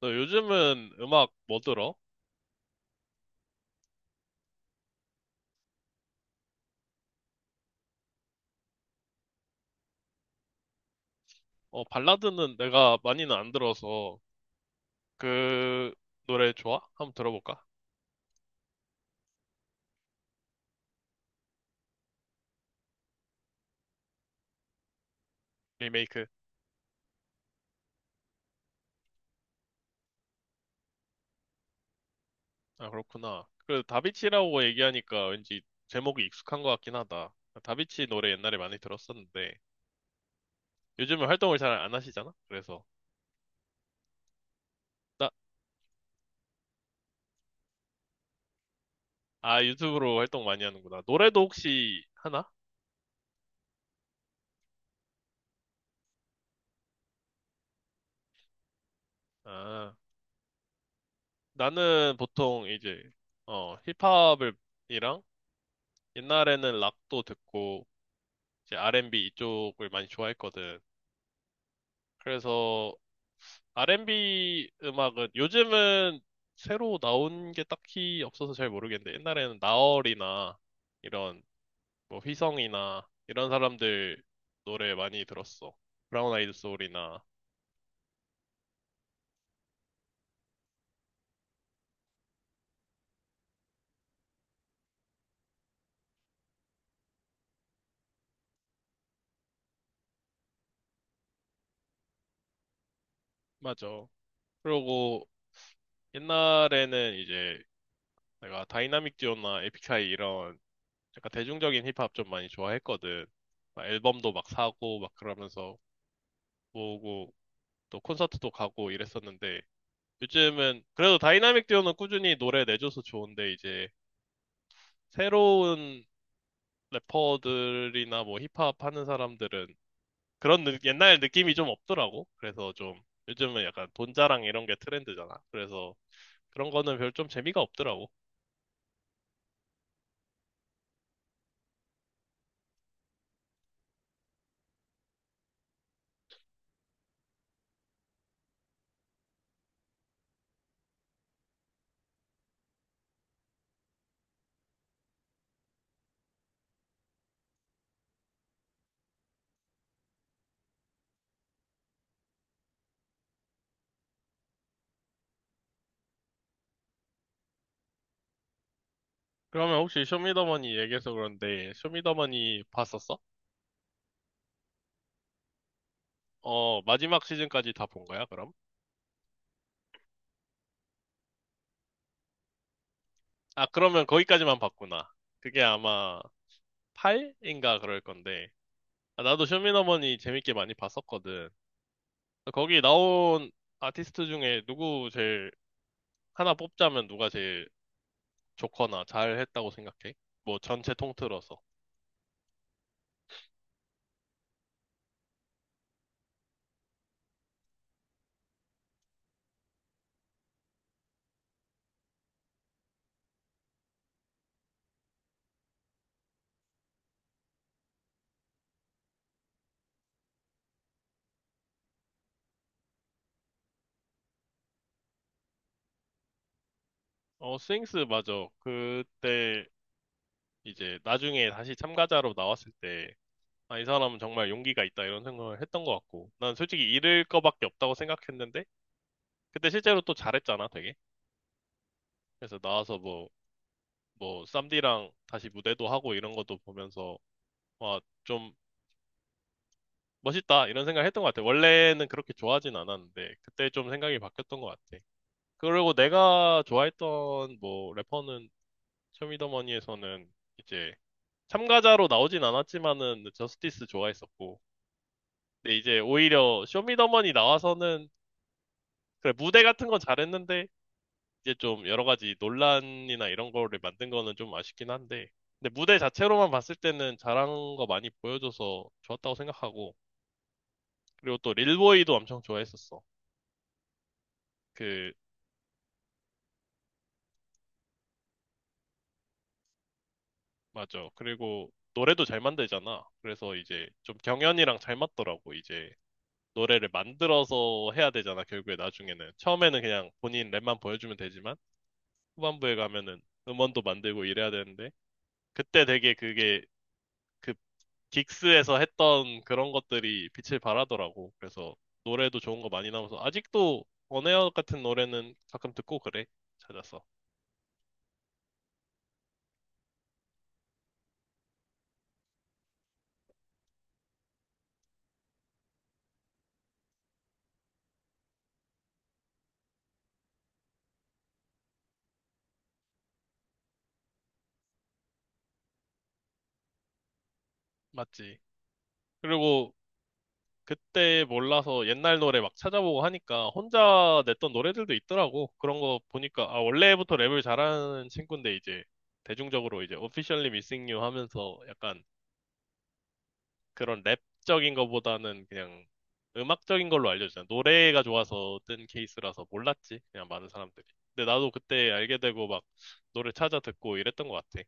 너 요즘은 음악 뭐 들어? 어, 발라드는 내가 많이는 안 들어서 그 노래 좋아? 한번 들어볼까? 리메이크. 아, 그렇구나. 그 다비치라고 얘기하니까 왠지 제목이 익숙한 것 같긴 하다. 다비치 노래 옛날에 많이 들었었는데 요즘은 활동을 잘 안 하시잖아? 그래서 나, 아, 유튜브로 활동 많이 하는구나. 노래도 혹시 하나? 아, 나는 보통 이제 힙합을 이랑 옛날에는 락도 듣고 이제 R&B 이쪽을 많이 좋아했거든. 그래서 R&B 음악은 요즘은 새로 나온 게 딱히 없어서 잘 모르겠는데 옛날에는 나얼이나 이런 뭐 휘성이나 이런 사람들 노래 많이 들었어. 브라운 아이드 소울이나 맞아. 그리고 옛날에는 이제 내가 다이나믹 듀오나 에픽하이 이런 약간 대중적인 힙합 좀 많이 좋아했거든. 막 앨범도 막 사고 막 그러면서 모으고 또 콘서트도 가고 이랬었는데 요즘은 그래도 다이나믹 듀오는 꾸준히 노래 내줘서 좋은데 이제 새로운 래퍼들이나 뭐 힙합 하는 사람들은 옛날 느낌이 좀 없더라고. 그래서 좀 요즘은 약간 돈 자랑 이런 게 트렌드잖아. 그래서 그런 거는 별 좀 재미가 없더라고. 그러면 혹시 쇼미더머니 얘기해서 그런데 쇼미더머니 봤었어? 어, 마지막 시즌까지 다 본 거야, 그럼? 아, 그러면 거기까지만 봤구나. 그게 아마 8인가 그럴 건데 아, 나도 쇼미더머니 재밌게 많이 봤었거든. 거기 나온 아티스트 중에 누구 제일 하나 뽑자면 누가 제일 좋거나 잘했다고 생각해? 뭐 전체 통틀어서. 어, 스윙스 맞아. 그때 이제 나중에 다시 참가자로 나왔을 때, 아, 이 사람은 정말 용기가 있다 이런 생각을 했던 것 같고, 난 솔직히 잃을 거밖에 없다고 생각했는데, 그때 실제로 또 잘했잖아, 되게. 그래서 나와서 뭐, 쌈디랑 다시 무대도 하고 이런 것도 보면서, 와, 좀 멋있다 이런 생각을 했던 것 같아. 원래는 그렇게 좋아하진 않았는데 그때 좀 생각이 바뀌었던 것 같아. 그리고 내가 좋아했던 뭐 래퍼는 쇼미더머니에서는 이제 참가자로 나오진 않았지만은 저스티스 좋아했었고 근데 이제 오히려 쇼미더머니 나와서는 그래 무대 같은 건 잘했는데 이제 좀 여러 가지 논란이나 이런 거를 만든 거는 좀 아쉽긴 한데 근데 무대 자체로만 봤을 때는 잘한 거 많이 보여줘서 좋았다고 생각하고 그리고 또 릴보이도 엄청 좋아했었어. 그 맞아. 그리고 노래도 잘 만들잖아. 그래서 이제 좀 경연이랑 잘 맞더라고. 이제 노래를 만들어서 해야 되잖아. 결국에 나중에는. 처음에는 그냥 본인 랩만 보여주면 되지만 후반부에 가면은 음원도 만들고 이래야 되는데 그때 되게 그게 그 긱스에서 했던 그런 것들이 빛을 발하더라고. 그래서 노래도 좋은 거 많이 나와서 아직도 원에어 같은 노래는 가끔 듣고 그래. 찾아서. 맞지. 그리고 그때 몰라서 옛날 노래 막 찾아보고 하니까 혼자 냈던 노래들도 있더라고. 그런 거 보니까, 아, 원래부터 랩을 잘하는 친구인데 이제 대중적으로 이제 Officially Missing You 하면서 약간 그런 랩적인 거보다는 그냥 음악적인 걸로 알려주잖아. 노래가 좋아서 뜬 케이스라서 몰랐지. 그냥 많은 사람들이. 근데 나도 그때 알게 되고 막 노래 찾아 듣고 이랬던 것 같아.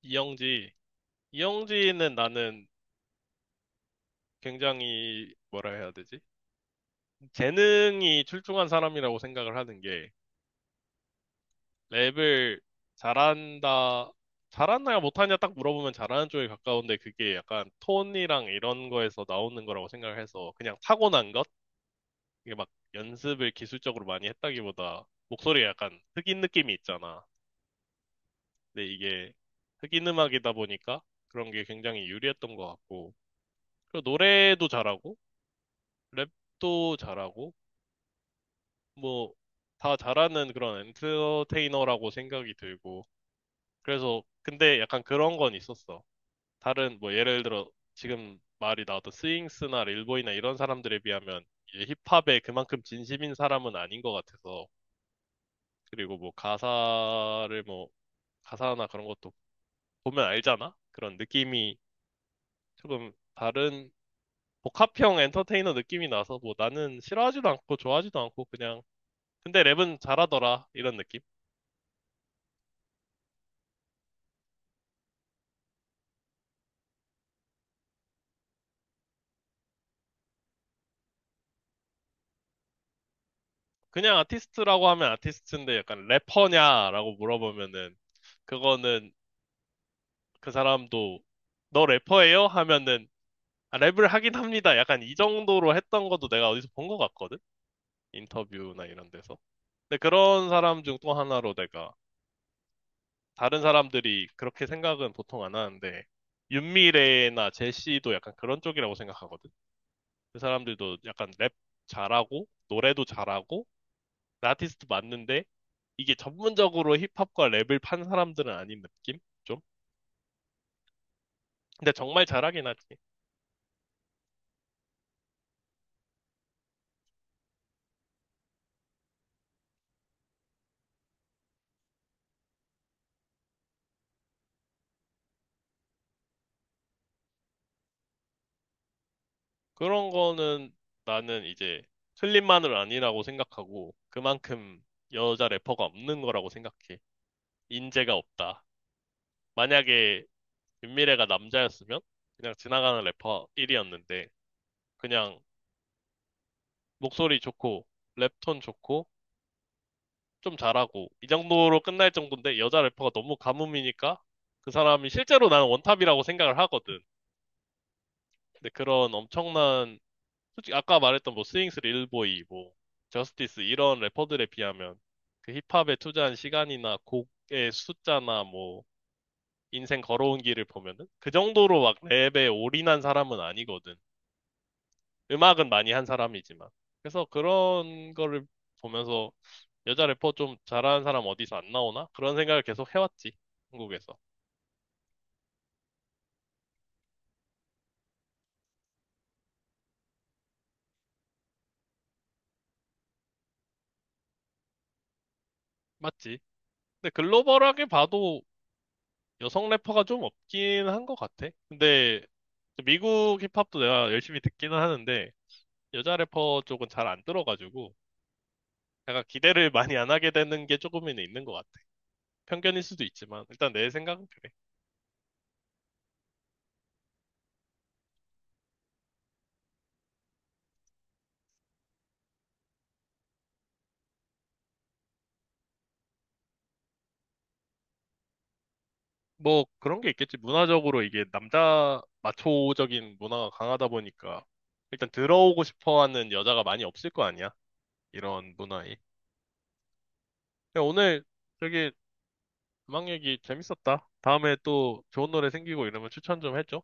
이영지. 이영지는 나는 굉장히 뭐라 해야 되지? 재능이 출중한 사람이라고 생각을 하는 게 랩을 잘한다, 잘하냐 못하냐 딱 물어보면 잘하는 쪽에 가까운데 그게 약간 톤이랑 이런 거에서 나오는 거라고 생각을 해서 그냥 타고난 것? 이게 막 연습을 기술적으로 많이 했다기보다 목소리가 약간 흑인 느낌이 있잖아. 근데 이게 흑인 음악이다 보니까 그런 게 굉장히 유리했던 것 같고 그리고 노래도 잘하고 랩도 잘하고 뭐 다 잘하는 그런 엔터테이너라고 생각이 들고, 그래서 근데 약간 그런 건 있었어. 다른 뭐 예를 들어 지금 말이 나왔던 스윙스나 릴보이나 이런 사람들에 비하면 이제 힙합에 그만큼 진심인 사람은 아닌 것 같아서 그리고 뭐 가사를 뭐 가사나 그런 것도 보면 알잖아? 그런 느낌이 조금 다른 복합형 엔터테이너 느낌이 나서 뭐 나는 싫어하지도 않고 좋아하지도 않고 그냥 근데 랩은 잘하더라 이런 느낌? 그냥 아티스트라고 하면 아티스트인데 약간 래퍼냐라고 물어보면은 그거는 그 사람도 너 래퍼예요? 하면은 아, 랩을 하긴 합니다. 약간 이 정도로 했던 것도 내가 어디서 본 것 같거든? 인터뷰나 이런 데서. 근데 그런 사람 중 또 하나로 내가 다른 사람들이 그렇게 생각은 보통 안 하는데 윤미래나 제시도 약간 그런 쪽이라고 생각하거든. 그 사람들도 약간 랩 잘하고 노래도 잘하고 그 아티스트 맞는데 이게 전문적으로 힙합과 랩을 판 사람들은 아닌 느낌? 좀? 근데 정말 잘하긴 하지. 그런 거는 나는 이제 클립만을 아니라고 생각하고 그만큼 여자 래퍼가 없는 거라고 생각해. 인재가 없다. 만약에 윤미래가 남자였으면 그냥 지나가는 래퍼 1이었는데 그냥 목소리 좋고 랩톤 좋고 좀 잘하고 이 정도로 끝날 정도인데 여자 래퍼가 너무 가뭄이니까 그 사람이 실제로 나는 원탑이라고 생각을 하거든. 근데 그런 엄청난 솔직히 아까 말했던 뭐 스윙스 릴보이, 뭐 저스티스 이런 래퍼들에 비하면 그 힙합에 투자한 시간이나 곡의 숫자나 뭐 인생 걸어온 길을 보면은 그 정도로 막 랩에 올인한 사람은 아니거든. 음악은 많이 한 사람이지만. 그래서 그런 거를 보면서 여자 래퍼 좀 잘하는 사람 어디서 안 나오나? 그런 생각을 계속 해왔지. 한국에서. 맞지? 근데 글로벌하게 봐도 여성 래퍼가 좀 없긴 한 것 같아. 근데 미국 힙합도 내가 열심히 듣기는 하는데 여자 래퍼 쪽은 잘 안 들어가지고 약간 기대를 많이 안 하게 되는 게 조금은 있는 것 같아. 편견일 수도 있지만 일단 내 생각은 그래. 뭐 그런 게 있겠지. 문화적으로 이게 남자 마초적인 문화가 강하다 보니까 일단 들어오고 싶어 하는 여자가 많이 없을 거 아니야. 이런 문화에. 야, 오늘 저기 음악 얘기 재밌었다. 다음에 또 좋은 노래 생기고 이러면 추천 좀 해줘.